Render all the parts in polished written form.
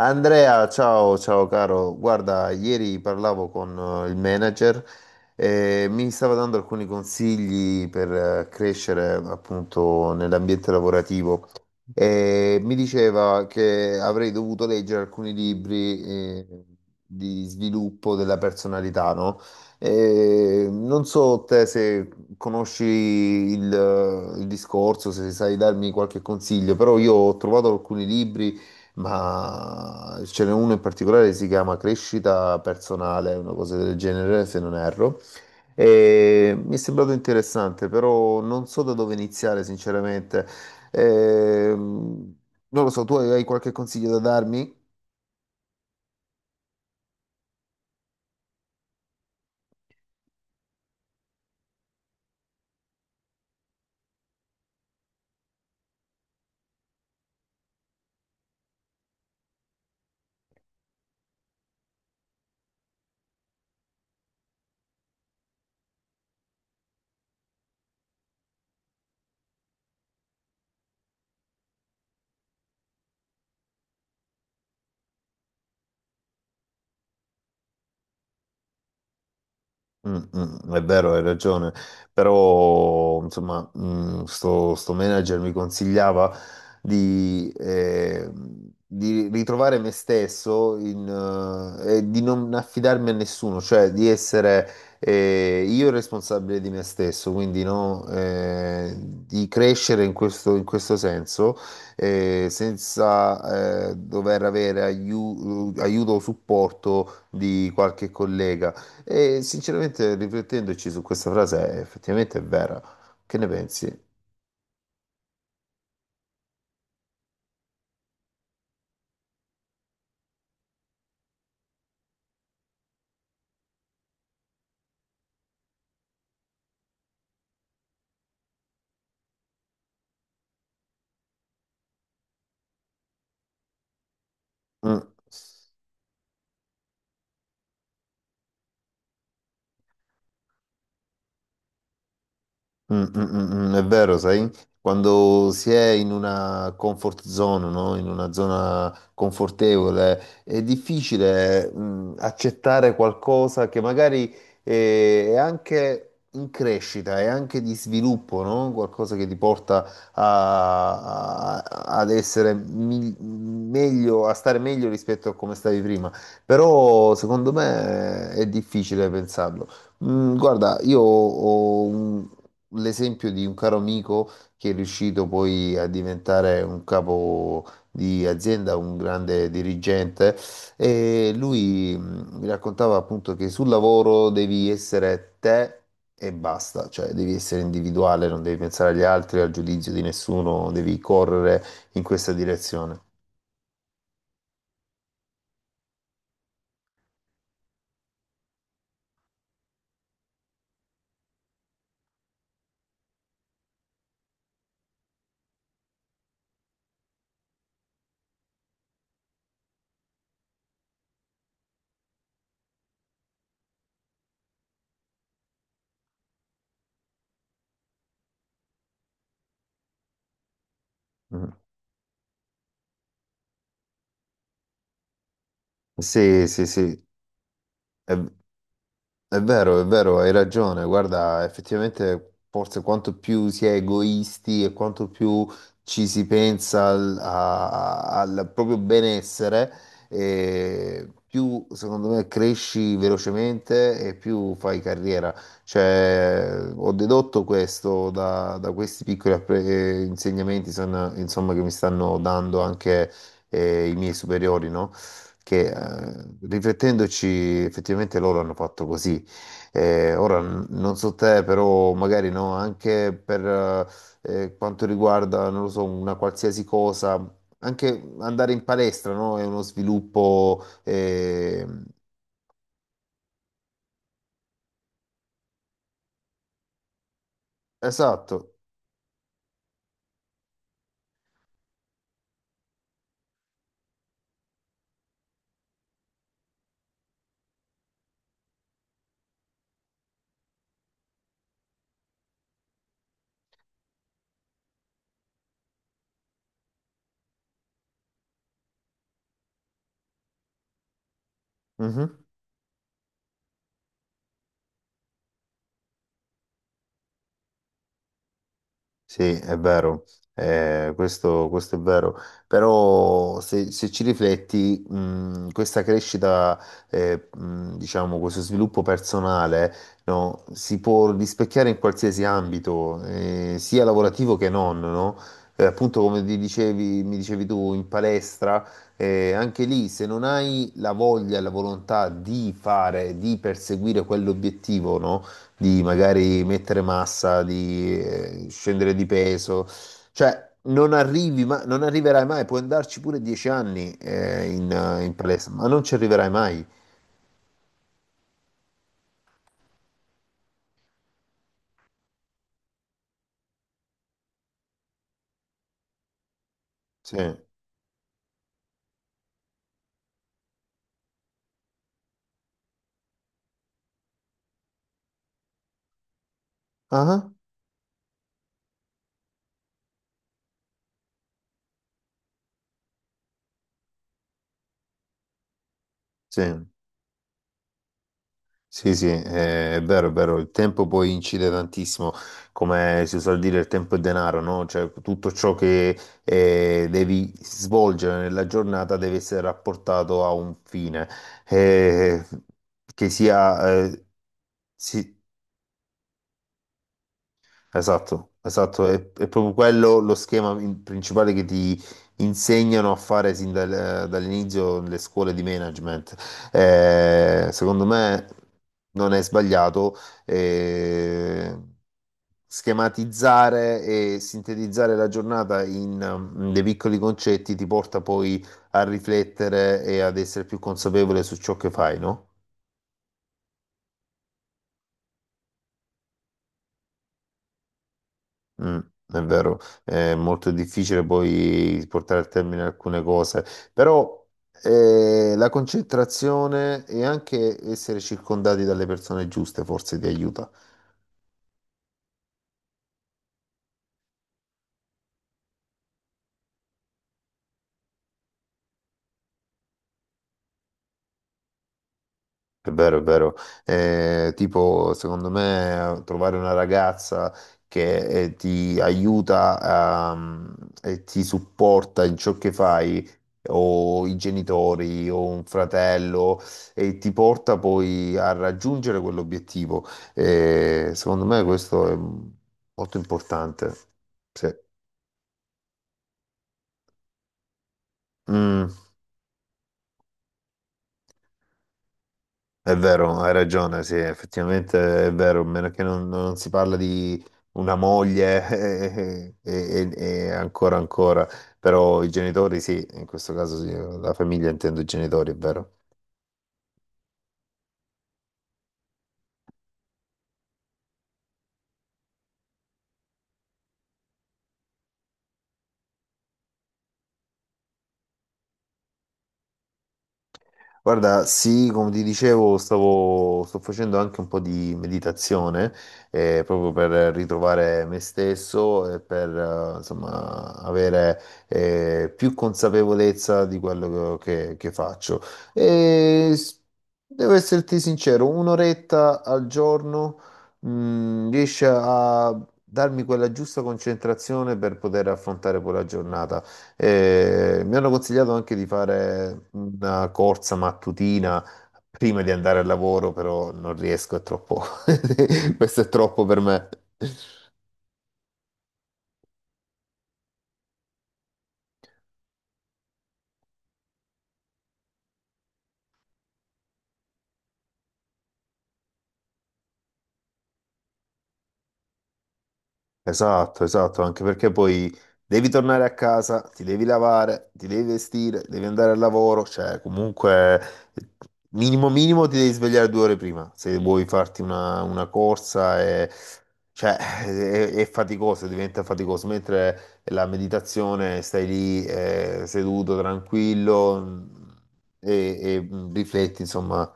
Andrea, ciao, ciao caro. Guarda, ieri parlavo con il manager e mi stava dando alcuni consigli per crescere appunto nell'ambiente lavorativo e mi diceva che avrei dovuto leggere alcuni libri di sviluppo della personalità, no? E non so te se conosci il discorso, se sai darmi qualche consiglio, però io ho trovato alcuni libri, ma ce n'è uno in particolare che si chiama Crescita Personale, una cosa del genere, se non erro. E mi è sembrato interessante, però non so da dove iniziare, sinceramente. Ehm, Non lo so, tu hai qualche consiglio da darmi? È vero, hai ragione, però insomma, sto manager mi consigliava di, di ritrovare me stesso in, e di non affidarmi a nessuno, cioè di essere, io, il responsabile di me stesso, quindi no, di crescere in questo senso, senza dover avere aiuto o supporto di qualche collega. E sinceramente, riflettendoci su questa frase, è effettivamente è vera. Che ne pensi? Mm. È vero, sai? Quando si è in una comfort zone, no? In una zona confortevole, è difficile, accettare qualcosa che magari è anche in crescita, è anche di sviluppo, no? Qualcosa che ti porta a- a- ad essere meglio, a stare meglio rispetto a come stavi prima. Però secondo me è difficile pensarlo. Mm, guarda, io ho l'esempio di un caro amico che è riuscito poi a diventare un capo di azienda, un grande dirigente, e lui mi raccontava appunto che sul lavoro devi essere te. E basta, cioè devi essere individuale, non devi pensare agli altri, al giudizio di nessuno, devi correre in questa direzione. Mm. Sì, sì, sì, è, è vero, è vero, hai ragione. Guarda, effettivamente forse quanto più si è egoisti e quanto più ci si pensa al proprio benessere, più secondo me cresci velocemente e più fai carriera. Cioè, ho dedotto questo da questi piccoli insegnamenti, insomma, che mi stanno dando anche, i miei superiori, no? Che riflettendoci effettivamente loro hanno fatto così. Ora non so te, però magari no, anche per quanto riguarda, non lo so, una qualsiasi cosa, anche andare in palestra, no? È uno sviluppo. Eh, esatto. Sì, è vero, questo è vero, però se ci rifletti, questa crescita, diciamo, questo sviluppo personale, no, si può rispecchiare in qualsiasi ambito, sia lavorativo che non, no? Appunto, come ti dicevi, mi dicevi tu, in palestra, anche lì, se non hai la voglia e la volontà di fare, di perseguire quell'obiettivo, no? Di magari mettere massa, di scendere di peso, cioè non arrivi, ma non arriverai mai, puoi andarci pure 10 anni in palestra, ma non ci arriverai mai. Sì. Ah, sì, sì, sì, è vero, il tempo poi incide tantissimo, come si usa dire, il tempo è denaro, no? Cioè tutto ciò che devi svolgere nella giornata deve essere rapportato a un fine, eh, che sia... sì. Esatto, esatto, è proprio quello lo schema principale che ti insegnano a fare sin dall'inizio nelle scuole di management. Secondo me non è sbagliato eh, schematizzare e sintetizzare la giornata in, dei piccoli concetti, ti porta poi a riflettere e ad essere più consapevole su ciò che fai, no? Mm, è vero, è molto difficile poi portare a termine alcune cose, però la concentrazione e anche essere circondati dalle persone giuste forse ti aiuta. È vero, è vero. Tipo, secondo me, trovare una ragazza che ti aiuta e ti supporta in ciò che fai, o i genitori, o un fratello, e ti porta poi a raggiungere quell'obiettivo. Secondo me questo è molto importante. Sì. Mm. È vero, hai ragione, sì, effettivamente è vero, a meno che non, non si parla di una moglie e ancora ancora, però i genitori sì, in questo caso sì, la famiglia intendo i genitori, è vero. Guarda, sì, come ti dicevo, sto facendo anche un po' di meditazione, proprio per ritrovare me stesso e per, insomma, avere, più consapevolezza di quello che faccio. E s- Devo esserti sincero, un'oretta al giorno, riesce a darmi quella giusta concentrazione per poter affrontare poi la giornata. Mi hanno consigliato anche di fare una corsa mattutina prima di andare al lavoro, però non riesco, è troppo. Questo è troppo per me. Esatto, esatto, anche perché poi devi tornare a casa, ti devi lavare, ti devi vestire, devi andare al lavoro, cioè comunque minimo minimo ti devi svegliare 2 ore prima se vuoi farti una corsa e, cioè, è faticoso, diventa faticoso, mentre la meditazione stai lì seduto, tranquillo mm, e rifletti, insomma.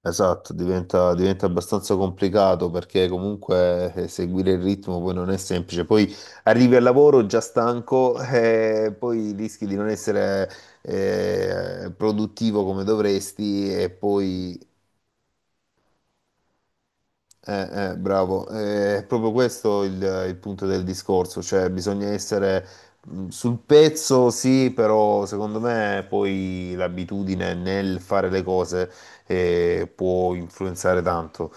Esatto, diventa abbastanza complicato perché comunque seguire il ritmo poi non è semplice. Poi arrivi al lavoro già stanco e poi rischi di non essere produttivo come dovresti e poi... bravo. È proprio questo il punto del discorso, cioè bisogna essere sul pezzo, sì, però secondo me poi l'abitudine nel fare le cose può influenzare tanto.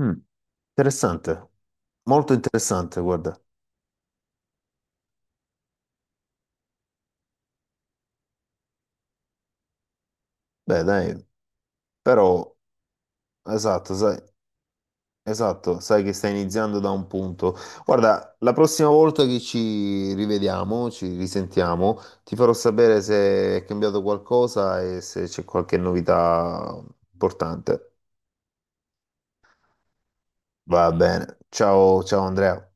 Mm, interessante, molto interessante, guarda. Beh, dai, però, esatto, sai, esatto, sai che stai iniziando da un punto. Guarda, la prossima volta che ci rivediamo, ci risentiamo, ti farò sapere se è cambiato qualcosa e se c'è qualche novità importante. Va bene. Ciao, ciao Andrea.